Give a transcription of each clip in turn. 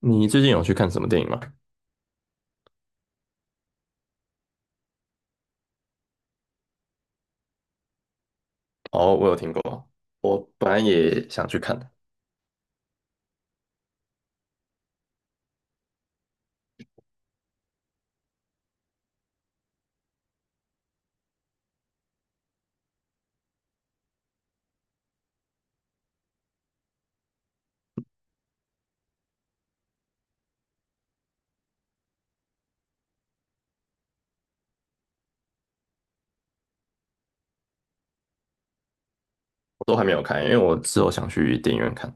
你最近有去看什么电影吗？哦，我有听过，我本来也想去看的，我都还没有看，因为我之后想去电影院看。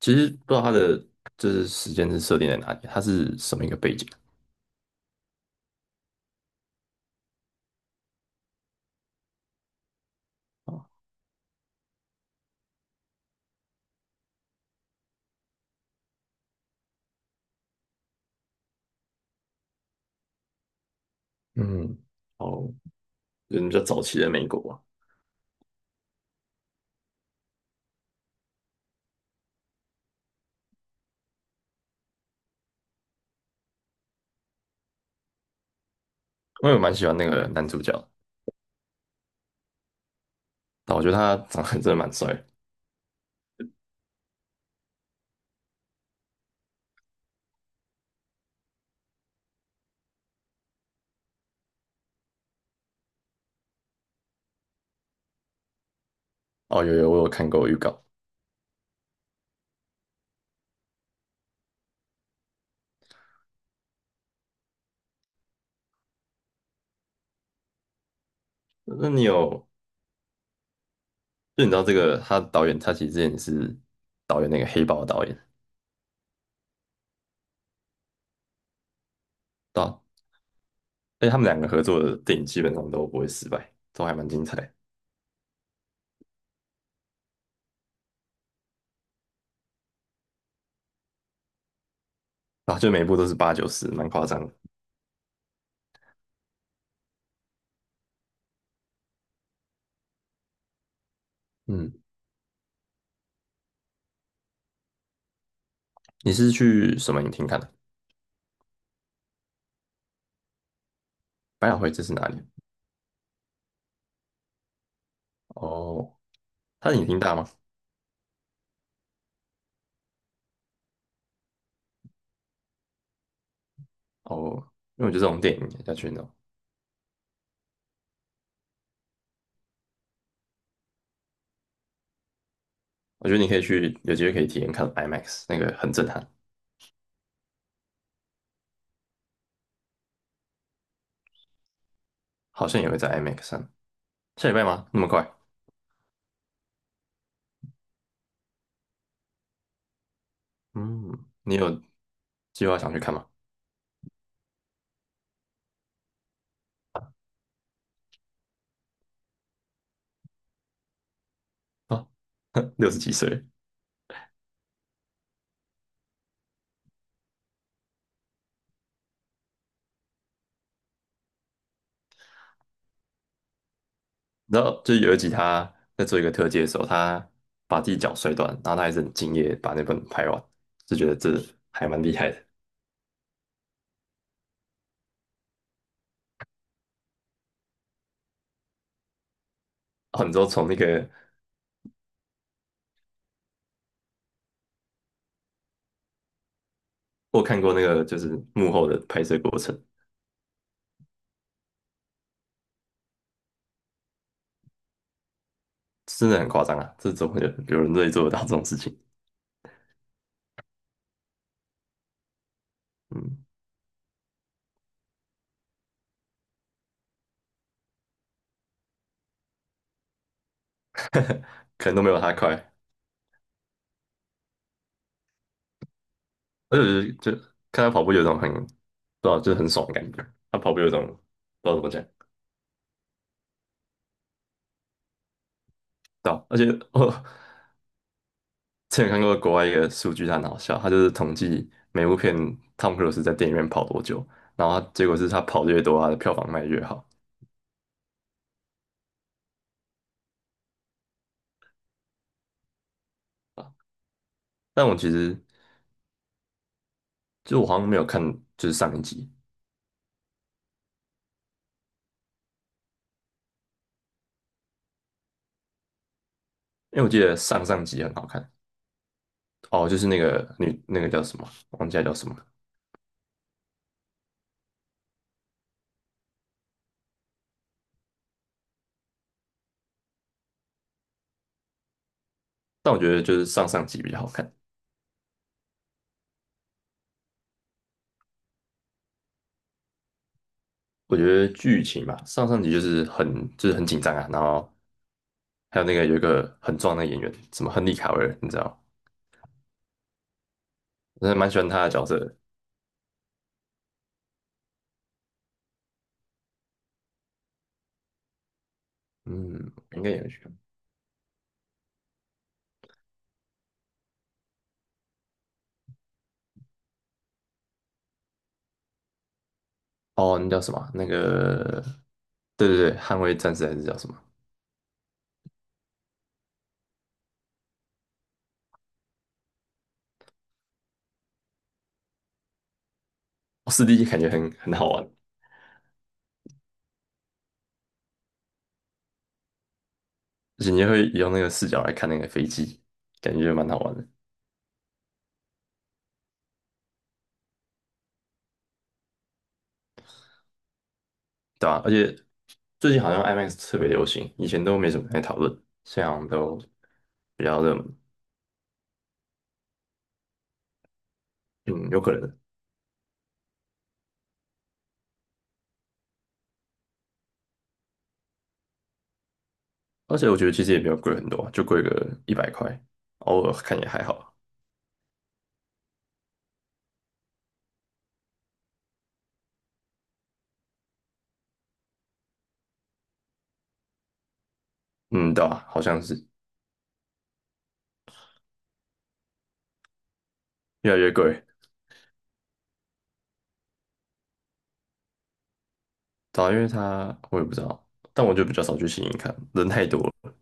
其实不知道他的就是时间是设定在哪里，他是什么一个背景啊？嗯，哦，人是比较早期的美国啊，因为我蛮喜欢那个男主角的，但我觉得他长得 真的蛮帅的哦，有有，我有看过预告。那你有，就你知道这个他导演，他其实之前是导演那个黑豹的导演，对啊，而且他们两个合作的电影基本上都不会失败，都还蛮精彩的。啊，就每一部都是八九十，蛮夸张的。嗯，你是去什么影厅看的？百老汇这是哪里？哦，它的影厅大吗？哦，因为我觉得这种电影要去那种，我觉得你可以去，有机会可以体验看 IMAX，那个很震撼，好像也会在 IMAX 上。下礼拜吗？那么快？嗯，你有计划想去看吗？六十几岁，你知道就是有一集他在做一个特技的时候，他把自己脚摔断，然后他还是很敬业地把那本拍完，就觉得这还蛮厉害的。哦，你知道从那个我看过那个就是幕后的拍摄过程，真的很夸张啊！这怎么有人可以做得到这种事情？嗯，可能都没有他快，而且就看他跑步有一种很，不知道就是很爽的感觉。他跑步有一种不知道怎么讲，对啊，而且我 之前看过国外一个数据，它很好笑，他就是统计每部片汤姆克鲁斯在电影院跑多久，然后他结果是他跑得越多，他的票房卖得越好。但我其实就我好像没有看就是上一集，因为我记得上上集很好看，哦，就是那个女那个叫什么，忘记她叫什么了。但我觉得就是上上集比较好看。我觉得剧情吧，上上集就是很就是很紧张啊，然后还有那个有一个很壮的演员，什么亨利卡维尔，你知道吗？我真的蛮喜欢他的角色的。嗯，应该也会去看。哦，那叫什么啊？那个，对对对，捍卫战士还是叫什么？哦，四 D 感觉很好玩，而且你也会用那个视角来看那个飞机，感觉就蛮好玩的。对啊，而且最近好像 IMAX 特别流行，以前都没怎么太讨论，现在好像都比较热门。嗯，有可能。而且我觉得其实也没有贵很多啊就贵个一百块，偶尔看也还好。嗯，对啊，好像是越来越贵。对啊，因为它我也不知道，但我就比较少去新影看，人太多了。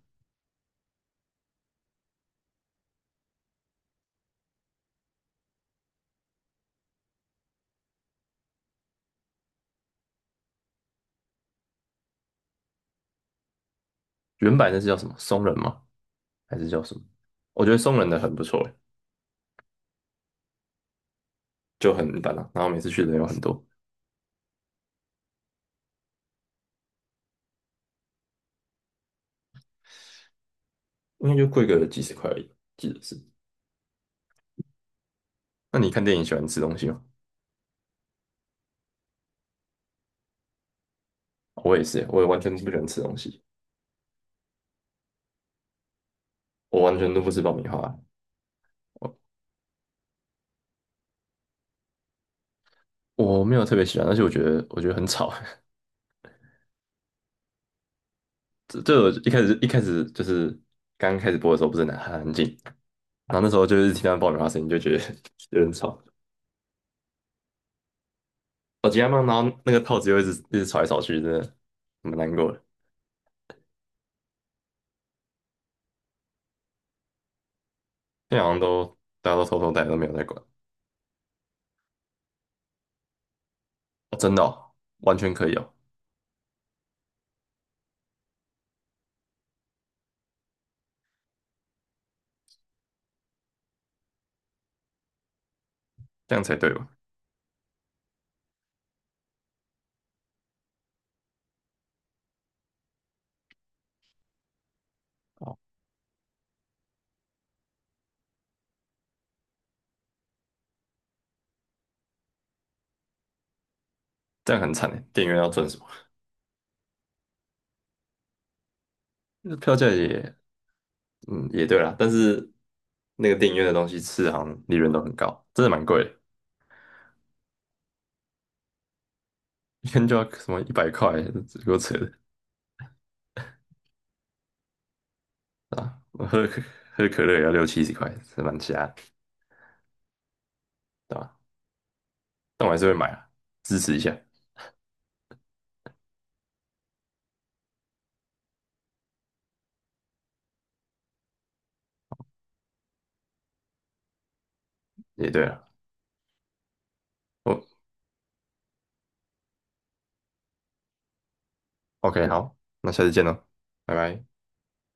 原版那是叫什么松仁吗？还是叫什么？我觉得松仁的很不错欸。就很一般啊。然后每次去的人有很多，应该就贵个几十块而已，记得是。那你看电影喜欢吃东西吗？我也是，我也完全不喜欢吃东西，我完全都不吃爆米花，我我没有特别喜欢，而且我觉得很吵。这我一开始就是刚开始播的时候不是很安静，然后那时候就是听到爆米花声音就觉得 有点吵，我今天放，然后那个套子又一直一直吵来吵去，真的蛮难过的。那在好像都大家都偷偷戴，都没有在管，哦，真的哦，完全可以哦，这样才对吧？哦，这样很惨诶，电影院要赚什么？那票价也嗯，也对啦，但是那个电影院的东西吃好像利润都很高，真的蛮贵的，一天就要什么一百块，这够扯的啊！我 喝可乐也要六七十块，是蛮瞎的，对吧？但我还是会买啊，支持一下，也对了。哦，OK，好，那下次见喽，拜拜。